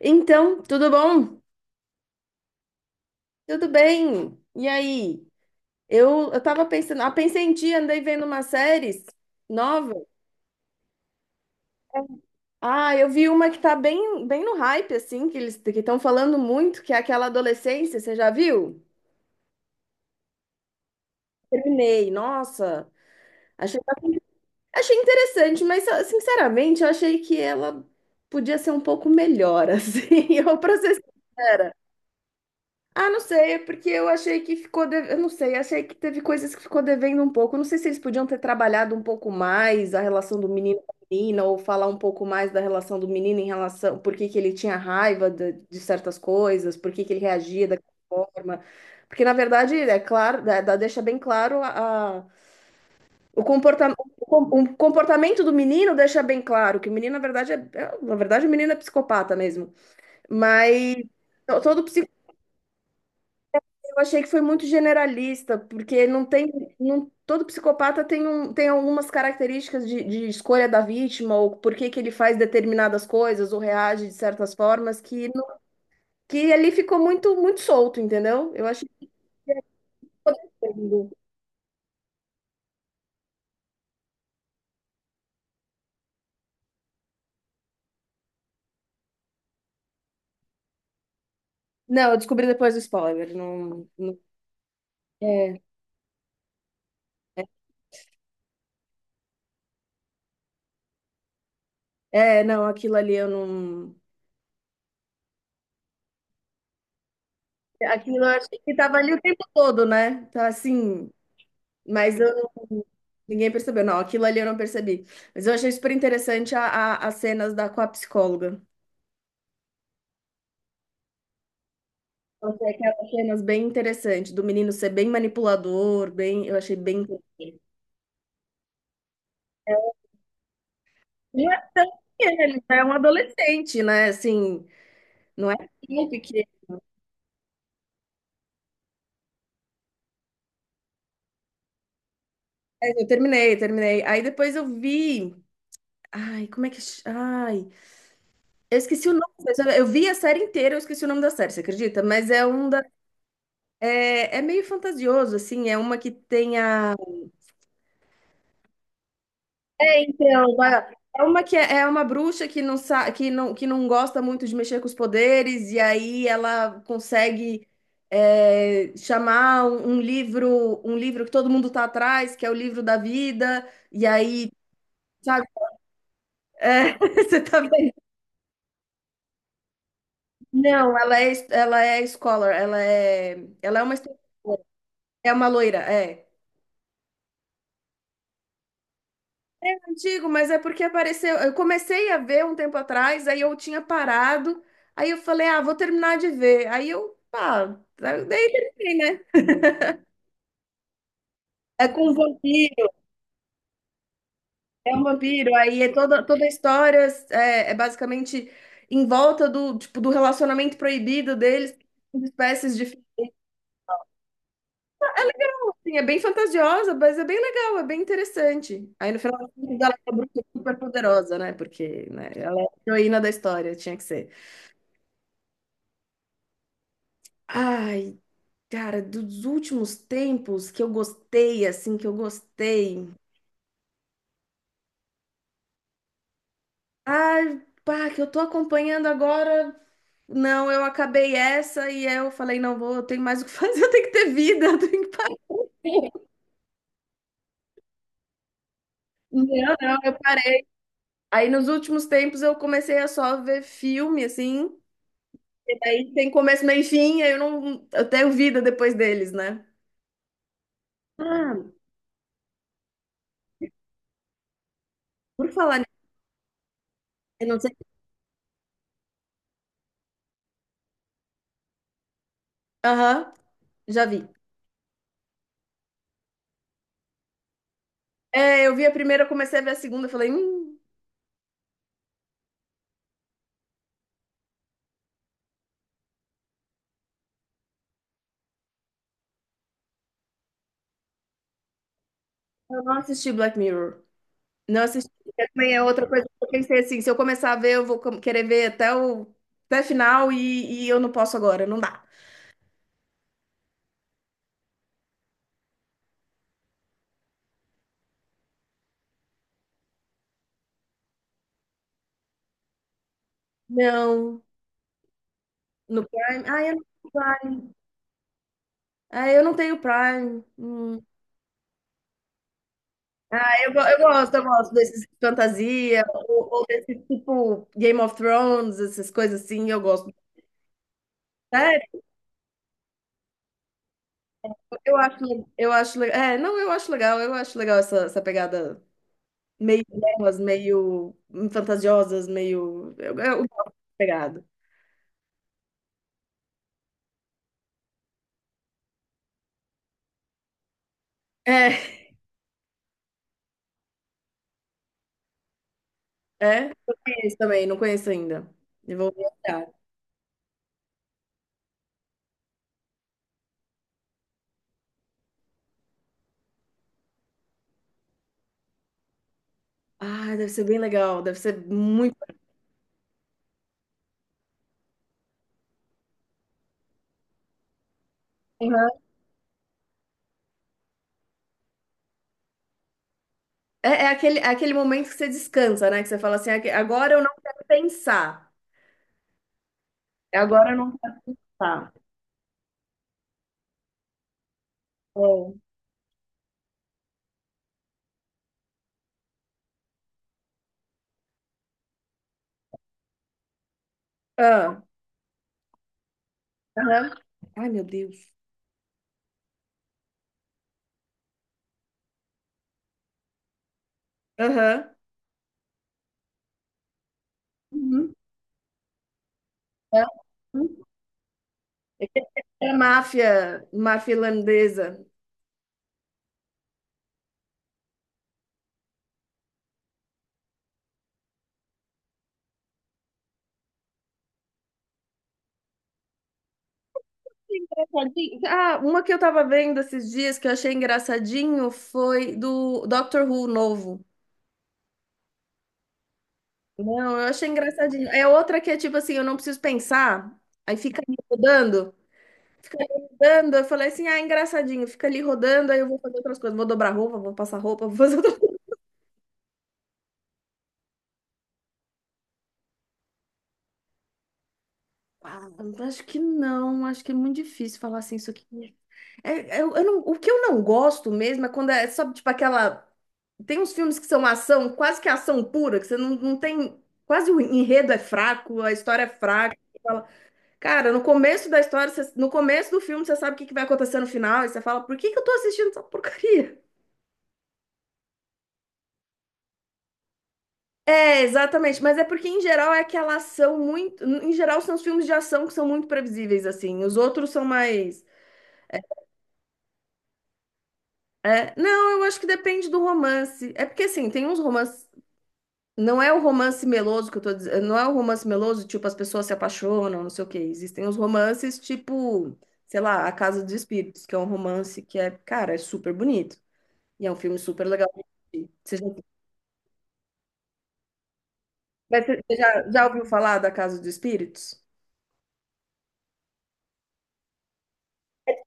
Então, tudo bom? Tudo bem? E aí? Eu tava pensando, pensei em ti, andei vendo umas séries novas. Ah, eu vi uma que tá bem no hype, assim, que eles que estão falando muito, que é aquela adolescência, você já viu? Terminei, nossa, achei, achei interessante, mas sinceramente, eu achei que ela podia ser um pouco melhor, assim, eu, pra ser sincera. Ah, não sei, é porque eu achei que eu não sei, achei que teve coisas que ficou devendo um pouco. Eu não sei se eles podiam ter trabalhado um pouco mais a relação do menino com a menina, ou falar um pouco mais da relação do menino em relação, por que que ele tinha raiva de certas coisas, por que que ele reagia daquela forma. Porque, na verdade, é claro, deixa bem claro o comportamento do menino deixa bem claro que o menino, na verdade, na verdade, o menino é psicopata mesmo. Mas todo eu achei que foi muito generalista, porque não tem, não, todo psicopata tem, um, tem algumas características de escolha da vítima, ou por que que ele faz determinadas coisas, ou reage de certas formas, que, não- que ali ficou muito solto, entendeu? Eu achei que ficou devendo. Não, eu descobri depois do spoiler. É, não, aquilo ali eu não. Aquilo eu achei que tava ali o tempo todo, né? Tá assim. Mas eu não- ninguém percebeu. Não, aquilo ali eu não percebi. Mas eu achei super interessante as cenas da, com a psicóloga. Eu achei aquelas cenas bem interessantes, do menino ser bem manipulador, bem, eu achei bem. Não é tão pequeno, ele já é um adolescente, né? Assim, não é tão pequeno. Mas eu terminei. Aí depois eu vi. Ai, como é que. Ch- Ai, eu esqueci o nome. Eu vi a série inteira, eu esqueci o nome da série, você acredita? Mas é um da. É, é meio fantasioso, assim. É uma que tem a é, então, é uma que é, é uma bruxa que não sa que não gosta muito de mexer com os poderes, e aí ela consegue é, chamar um livro que todo mundo tá atrás, que é o livro da vida, e aí, sabe? É, você tá vendo? Não, ela é scholar, ela é uma, é uma loira, é. Digo, mas é porque apareceu. Eu comecei a ver um tempo atrás, aí eu tinha parado, aí eu falei, ah, vou terminar de ver. Aí eu, pá, daí terminei, né? É com um vampiro, é um vampiro, aí é toda a história é, é basicamente em volta do, tipo, do relacionamento proibido deles, de espécies de. Assim, é bem fantasiosa, mas é bem legal, é bem interessante. Aí no final das contas, ela é uma bruxa super poderosa, né? Porque, né, ela é a heroína da história, tinha que ser. Ai, cara, dos últimos tempos que eu gostei, assim, que eu gostei. Ai, pá, que eu tô acompanhando agora. Não, eu acabei essa e eu falei, não vou, eu tenho mais o que fazer, eu tenho que ter vida, eu tenho que parar. Não, não, eu parei. Aí nos últimos tempos eu comecei a só ver filme, assim. E aí tem começo, meio e fim, aí eu não, eu tenho vida depois deles, né? Ah, por falar nisso, eu não sei. Aham, já vi. É, eu vi a primeira, eu comecei a ver a segunda, eu falei, eu não assisti Black Mirror. Não assisti. Também é outra coisa que eu pensei assim, se eu começar a ver, eu vou querer ver até final e eu não posso agora, não dá. Não, no Prime. Ah, eu não tenho Prime. Ah, eu não tenho Prime. Hum. Ah, eu, eu gosto desses de fantasia, ou desse tipo Game of Thrones, essas coisas assim, eu gosto. É, eu acho, é, não, eu acho legal essa pegada meio delas, meio fantasiosas, meio, eu gosto dessa pegada. É, é? Não conheço também, não conheço ainda. Eu vou olhar. Ah, deve ser bem legal, deve ser muito. Aham. É, é aquele momento que você descansa, né? Que você fala assim, "Aque- agora eu não quero pensar. Agora eu não quero pensar. É. Ah, aham. Ai, meu Deus. Aham. Uhum. É é máfia, máfia irlandesa. Engraçadinho. Ah, uma que eu tava vendo esses dias que eu achei engraçadinho foi do Doctor Who novo. Não, eu achei engraçadinho. É outra que é tipo assim, eu não preciso pensar, aí fica ali rodando, fica ali rodando. Eu falei assim, ah, engraçadinho, fica ali rodando, aí eu vou fazer outras coisas, vou dobrar roupa, vou passar roupa, vou fazer outra. Ah, acho que não, acho que é muito difícil falar assim, isso aqui. É, eu não, o que eu não gosto mesmo é quando é, só tipo aquela. Tem uns filmes que são ação, quase que ação pura, que você não, não tem. Quase o enredo é fraco, a história é fraca. Cara, no começo da história, no começo do filme, você sabe o que que vai acontecer no final, e você fala, por que que eu tô assistindo essa porcaria? É, exatamente, mas é porque em geral é aquela ação muito. Em geral, são os filmes de ação que são muito previsíveis, assim. Os outros são mais. É, não, eu acho que depende do romance. É porque, assim, tem uns romances. Não é o romance meloso que eu tô dizendo. Não é o romance meloso, tipo, as pessoas se apaixonam, não sei o quê. Existem os romances, tipo, sei lá, A Casa dos Espíritos, que é um romance que é, cara, é super bonito. E é um filme super legal de assistir. Mas você já ouviu falar da Casa dos Espíritos?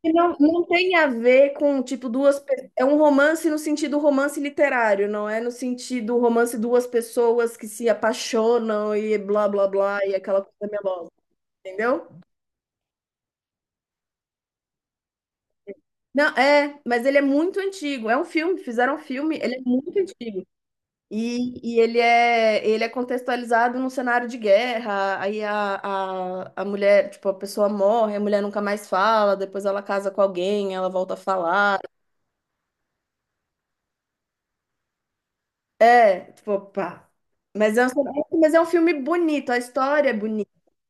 E não, não tem a ver com, tipo, é um romance no sentido romance literário, não é no sentido romance duas pessoas que se apaixonam e blá, blá, blá, e aquela coisa melosa, entendeu? Não, é, mas ele é muito antigo. É um filme, fizeram um filme, ele é muito antigo. Ele é contextualizado num cenário de guerra, aí a mulher, tipo, a pessoa morre, a mulher nunca mais fala, depois ela casa com alguém, ela volta a falar. É, tipo, pá. Mas é um, mas é um filme bonito, a história é bonita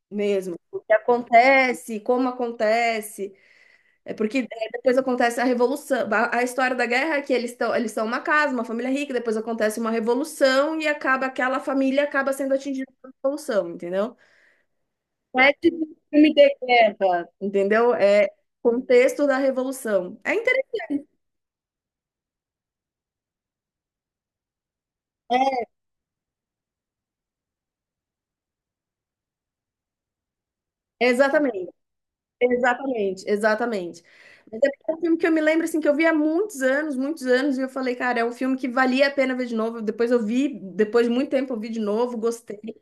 mesmo. O que acontece, como acontece. É porque é, depois acontece a revolução. A história da guerra é que eles estão, eles são uma casa, uma família rica, depois acontece uma revolução e acaba aquela família acaba sendo atingida pela revolução, entendeu? Não é tipo um filme de guerra, entendeu? É contexto da revolução. É interessante. Exatamente, exatamente. Mas é porque é um filme que eu me lembro assim que eu vi há muitos anos, e eu falei, cara, é um filme que valia a pena ver de novo. Depois eu vi, depois de muito tempo eu vi de novo, gostei.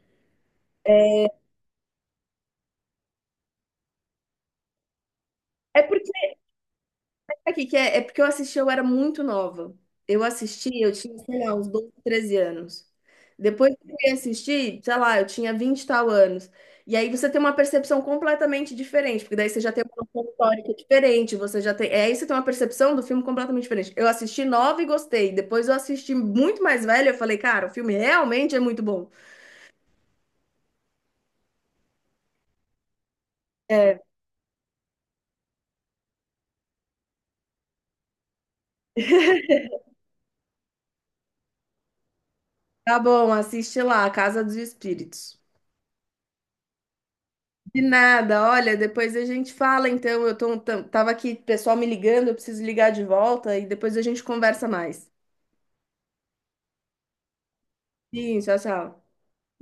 É porque Aqui que é, é porque eu assisti, eu era muito nova. Eu assisti, eu tinha, sei lá, uns 12, 13 anos. Depois que eu fui assistir, sei lá, eu tinha 20 e tal anos. E aí você tem uma percepção completamente diferente, porque daí você já tem uma noção histórica diferente, você já tem. É, aí você tem uma percepção do filme completamente diferente. Eu assisti nova e gostei. Depois eu assisti muito mais velha, eu falei, cara, o filme realmente é muito bom. É, tá bom, assiste lá, A Casa dos Espíritos. De nada, olha, depois a gente fala, então, eu tô, tava aqui, pessoal me ligando, eu preciso ligar de volta e depois a gente conversa mais. Sim, tchau, tchau.